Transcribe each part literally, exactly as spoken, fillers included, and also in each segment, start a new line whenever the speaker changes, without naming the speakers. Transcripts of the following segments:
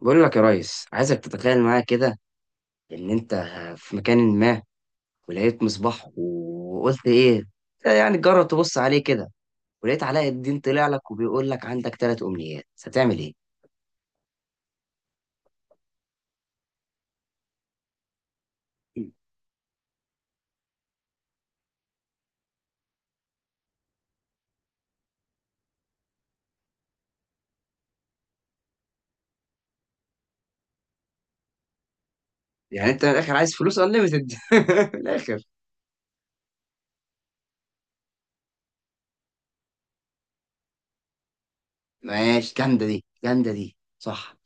بقول لك يا ريس، عايزك تتخيل معايا كده ان انت في مكان ما، ولقيت مصباح وقلت ايه. يعني جرب تبص عليه كده، ولقيت علاء الدين طلع لك وبيقول لك عندك ثلاث امنيات، هتعمل ايه؟ يعني انت من الاخر عايز فلوس انليمتد. من الاخر. ماشي، جامده دي، جامده دي صح.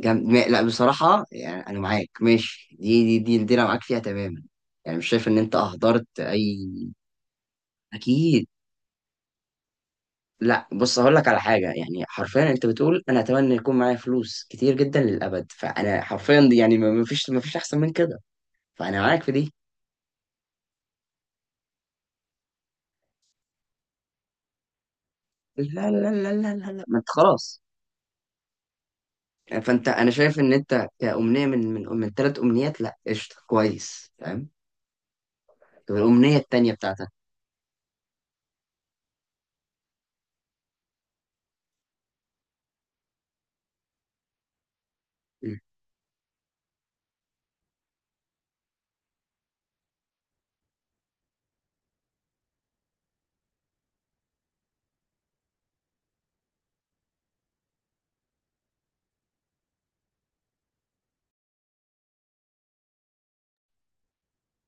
جامد ما- لا، بصراحه يعني انا معاك، ماشي دي دي دي, دي انا معاك فيها تماما. يعني مش شايف ان انت اهدرت اي. اكيد. لا بص، هقول لك على حاجه، يعني حرفيا انت بتقول انا اتمنى يكون معايا فلوس كتير جدا للابد، فانا حرفيا دي يعني ما ما فيش ما فيش احسن من كده. فانا معاك في دي. لا، لا، لا، لا، لا، لا، ما انت خلاص. فانت انا شايف ان انت كأمنية من من من ثلاث امنيات، لا قشطه، كويس فاهم. طب الامنيه التانيه بتاعتك؟ مم.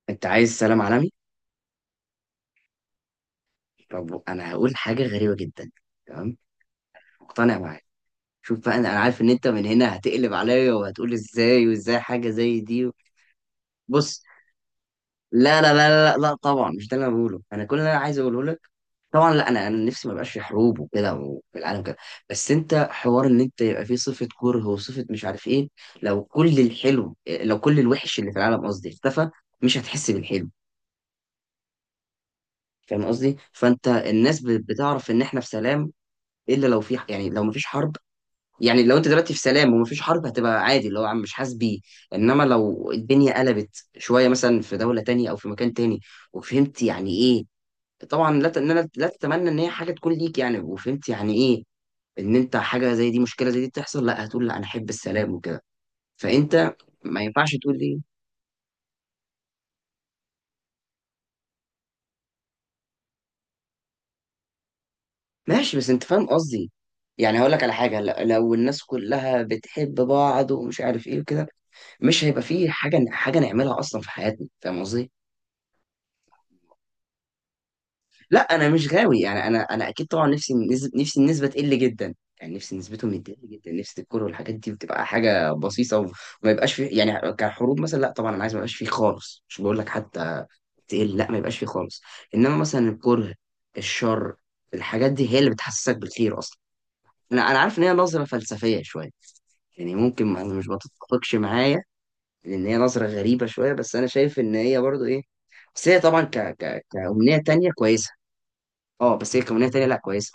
انت عايز سلام عالمي. طب انا هقول حاجه غريبه جدا. تمام. مقتنع معاك. شوف بقى، انا أنا عارف ان انت من هنا هتقلب عليا وهتقول ازاي وازاي حاجه زي دي. بص. لا، لا، لا، لا، لا، طبعا مش ده اللي انا بقوله. انا كل اللي انا عايز اقوله لك، طبعا لا، انا انا نفسي ما يبقاش في حروب وكده وفي العالم كده. بس انت حوار ان انت يبقى فيه صفه كره وصفه مش عارف ايه، لو كل الحلو، لو كل الوحش اللي في العالم قصدي اختفى، مش هتحس بالحلو. فاهم قصدي؟ فانت الناس ب- بتعرف ان احنا في سلام، الا لو في، يعني لو مفيش حرب. يعني لو انت دلوقتي في سلام ومفيش حرب هتبقى عادي، اللي هو عم مش حاسس بيه. انما لو الدنيا قلبت شويه، مثلا في دوله تانية او في مكان تاني، وفهمت يعني ايه. طبعا لا، ت- ان انا لا تتمنى ان هي حاجه تكون ليك يعني، وفهمت يعني ايه، ان انت حاجه زي دي، مشكله زي دي تحصل لا هتقول لا انا احب السلام وكده. فانت، ما ينفعش تقول لي ماشي، بس انت فاهم قصدي. يعني هقول لك على حاجه، ل- لو الناس كلها بتحب بعض ومش عارف ايه وكده، مش هيبقى فيه حاجه حاجه نعملها اصلا في حياتنا. فاهم قصدي؟ لا انا مش غاوي، يعني انا انا اكيد طبعا نفسي، النز- نفسي النسبه تقل جدا. يعني نفسي نسبتهم تقل جدا، نفسي الكوره والحاجات دي بتبقى حاجه بسيطه وما يبقاش في يعني كحروب مثلا، لا طبعا انا عايز ما يبقاش فيه خالص، مش بقول لك حتى تقل، لا ما يبقاش فيه خالص. انما مثلا الكره، الشر، الحاجات دي هي اللي بتحسسك بالخير اصلا. انا انا عارف ان هي نظره فلسفيه شويه، يعني ممكن ما- مش بتتفقش معايا، لان هي نظره غريبه شويه، بس انا شايف ان هي برضو ايه. بس هي طبعا ك ك كأمنية تانية كويسة. اه بس هي كونية تانية، لا كويسة،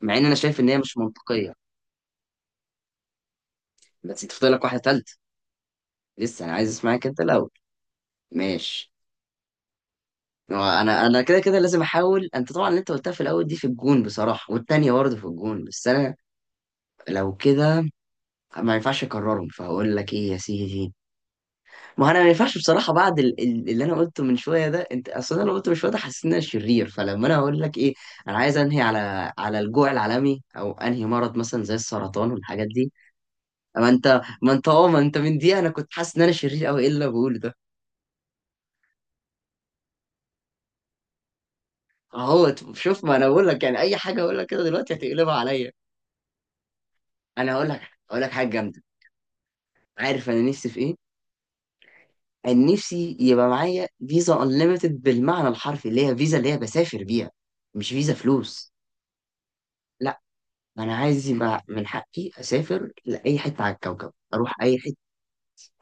مع ان انا شايف ان هي مش منطقية. بس انت فاضل لك واحدة تالتة، لسه انا عايز اسمعك انت الاول. ماشي. هو انا انا كده كده لازم احاول. انت طبعا اللي انت قلتها في الاول دي في الجون بصراحة، والتانية برضه في الجون، بس انا لو كده ما ينفعش اكررهم، فهقول لك ايه يا سيدي. ما انا ما ينفعش بصراحة بعد ال- ال- اللي انا قلته من شوية ده. انت اصلا انا قلته من شوية ده، حسيت ان انا شرير. فلما انا اقول لك ايه، انا عايز انهي على على الجوع العالمي، او انهي مرض مثلا زي السرطان والحاجات دي. ما انت ما انت اه ما انت من دي انا كنت حاسس ان انا شرير قوي، ايه اللي أنا بقوله ده؟ اهو شوف، ما انا بقول لك يعني اي حاجه اقول لك كده دلوقتي هتقلبها عليا. انا هقول لك هقول لك حاجه جامده. عارف انا نفسي في ايه؟ انا نفسي يبقى معايا فيزا انليميتد، بالمعنى الحرفي اللي هي فيزا اللي هي بسافر بيها، مش فيزا فلوس. لا، انا عايز يبقى من حقي اسافر لاي حته على الكوكب، اروح اي حته،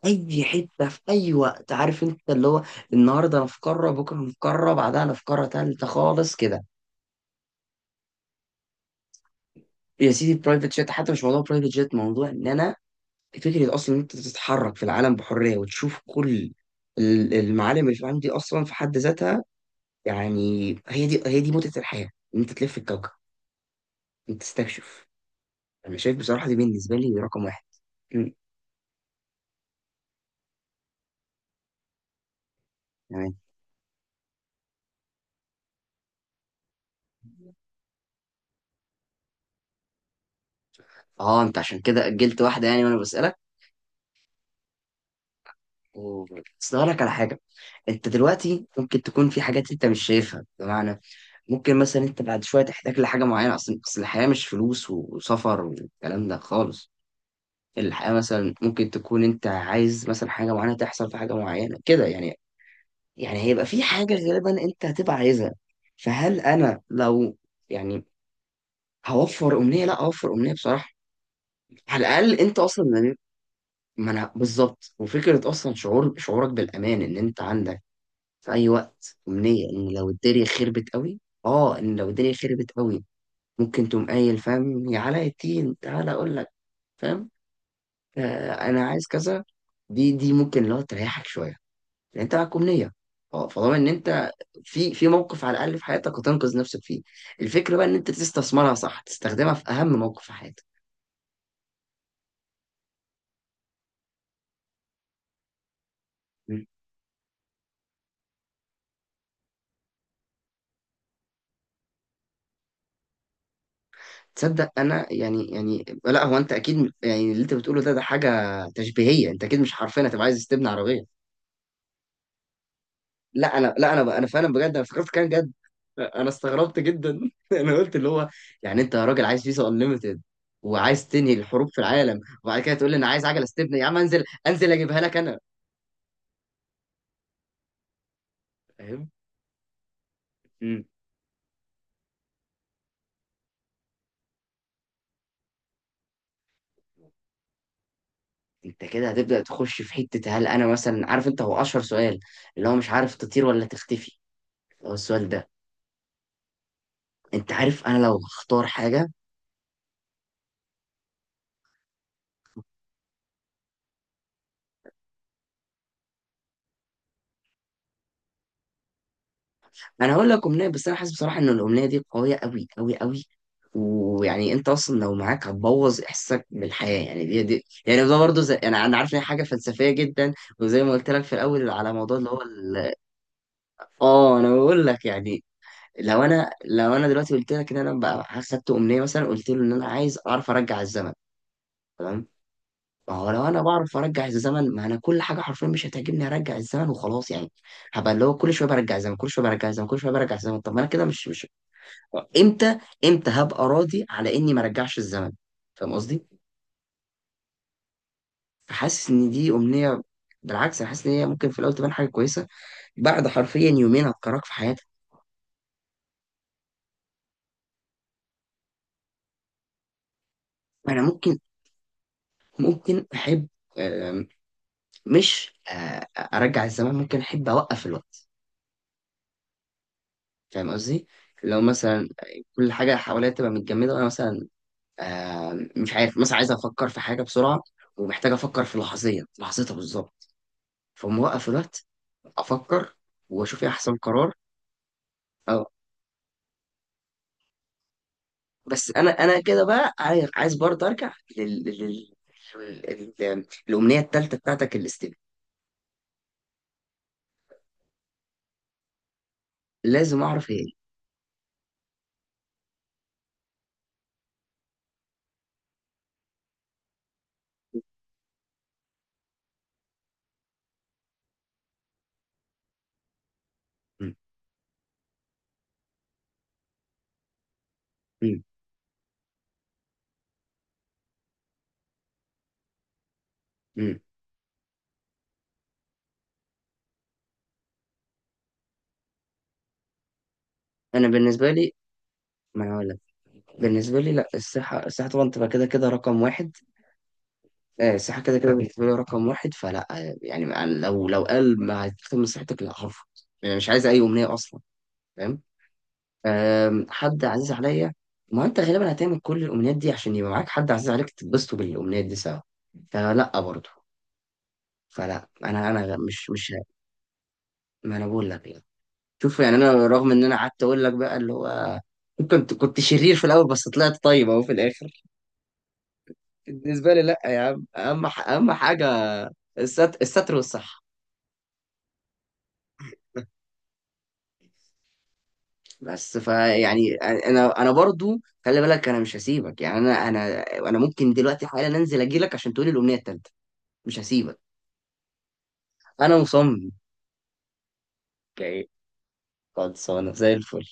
اي حته في اي وقت، عارف انت اللي هو النهارده انا في قاره، بكره انا في قاره، بعدها انا في قاره تالته خالص كده. يا سيدي برايفت جيت، حتى مش موضوع برايفت جيت، موضوع ان انا فكره اصلا ان انت تتحرك في العالم بحريه وتشوف كل ال- المعالم اللي في العالم دي اصلا في حد ذاتها. يعني هي دي هي دي متعه الحياه، ان انت تلف الكوكب، انت تستكشف. انا شايف بصراحه دي بالنسبه لي رقم واحد. مم. تمام. اه انت عشان كده اجلت واحده يعني، وانا بسالك. و- بس أقول لك على حاجه، انت دلوقتي ممكن تكون في حاجات انت مش شايفها، بمعنى ممكن مثلا انت بعد شويه تحتاج لحاجه معينه. اصلا اصل الحياه مش فلوس وسفر والكلام ده خالص. الحياه مثلا ممكن تكون انت عايز مثلا حاجه معينه تحصل، في حاجه معينه كده يعني، يعني هيبقى في حاجه غالبا انت هتبقى عايزها. فهل انا لو، يعني هوفر امنيه، لا اوفر امنيه بصراحه. على الاقل انت اصلا ما. ما انا بالظبط، وفكره اصلا شعور شعورك بالامان ان انت عندك في اي وقت امنيه. ان لو الدنيا خربت قوي اه ان لو الدنيا خربت قوي، ممكن تقوم قايل فاهم. يا علاء الدين تعالى اقول لك، فاهم، آه، انا عايز كذا. دي دي ممكن لو تريحك شويه، لان انت معاك امنيه. اه، فضمان ان انت في في موقف على الاقل في حياتك هتنقذ نفسك فيه. الفكره بقى ان انت تستثمرها صح، تستخدمها في اهم موقف في حياتك. م. تصدق انا يعني يعني، لا هو انت اكيد يعني اللي انت بتقوله ده ده حاجه تشبيهيه، انت اكيد مش حرفيا هتبقى عايز تبني عربيه. لا انا لا انا انا فعلا بجد انا افتكرت كان جد. انا استغربت جدا. انا قلت اللي هو، يعني انت يا راجل عايز فيزا انليمتد، وعايز تنهي الحروب في العالم، وبعد كده تقول لي انا عايز عجله استبنى؟ يا عم انزل، انزل اجيبها لك انا. فاهم. مم. انت كده هتبدا تخش في حته، هل انا مثلا عارف انت، هو اشهر سؤال اللي هو مش عارف تطير ولا تختفي، هو السؤال ده. انت عارف انا لو هختار حاجه، انا هقول لك امنيه، بس انا حاسس بصراحه ان الامنيه دي قويه قوي قوي قوي. ويعني انت اصلا لو معاك هتبوظ احساسك بالحياه، يعني دي, دي يعني ده برضه زي، يعني انا عارف ان هي حاجه فلسفيه جدا، وزي ما قلت لك في الاول على موضوع اللي هو ال- اه انا بقول لك يعني. لو انا لو انا دلوقتي قلت لك ان انا بقى اخدت امنيه مثلا، قلت له ان انا عايز اعرف ارجع الزمن، تمام. ما هو لو انا بعرف ارجع الزمن، ما انا كل حاجه حرفيا مش هتعجبني هرجع الزمن وخلاص يعني. هبقى اللي هو كل شويه برجع الزمن، كل شويه برجع الزمن، كل شويه برجع الزمن. طب ما انا كده مش مش، امتى امتى هبقى راضي على اني ما رجعش الزمن؟ فاهم قصدي؟ فحاسس ان دي امنيه، بالعكس انا حاسس ان هي ممكن في الاول تبان حاجه كويسه، بعد حرفيا يومين هتكرهك في حياتك. انا ممكن ممكن احب، آم، مش آه، ارجع الزمن، ممكن احب اوقف الوقت. فاهم قصدي؟ لو مثلا كل حاجه حواليا تبقى متجمده وانا مثلا آم، مش عارف، مثلا عايز افكر في حاجه بسرعه، ومحتاج افكر في لحظيا لحظتها بالظبط. فموقف الوقت، افكر واشوف ايه احسن قرار. بس انا انا كده بقى عايز، عايز برضه ارجع لل... لل... لل... لل... الامنيه الثالثه بتاعتك الاستباء، لازم اعرف هي ايه. مم. مم. مم. انا بالنسبه لي، ما انا هقول لك بالنسبه لي، لا الصحه، الصحه طبعا تبقى كده كده رقم واحد. آه، الصحه كده كده بالنسبه لي رقم واحد، فلا آه، يعني مع- لو لو قال ما هتهتم بصحتك، لا هرفض، يعني مش عايز اي امنيه اصلا. فاهم. آم، حد عزيز عليا، ما انت غالبا هتعمل كل الامنيات دي عشان يبقى معاك حد عزيز عليك تتبسطوا بالامنيات دي سوا. فلا برضه، فلا انا انا مش مش. ما انا بقول لك يعني، شوف، يعني انا رغم ان انا قعدت اقول لك بقى اللي هو كنت كنت شرير في الاول، بس طلعت طيب اهو في الاخر. بالنسبه لي لا يا عم، اهم ح- اهم حاجه الستر، الستر والصحه. بس فيعني انا انا برضو، خلي بالك انا مش هسيبك، يعني انا انا انا ممكن دلوقتي حالا انزل اجي لك عشان تقولي الامنيه التالته. مش هسيبك، انا مصمم جاي. خلصانه زي الفل.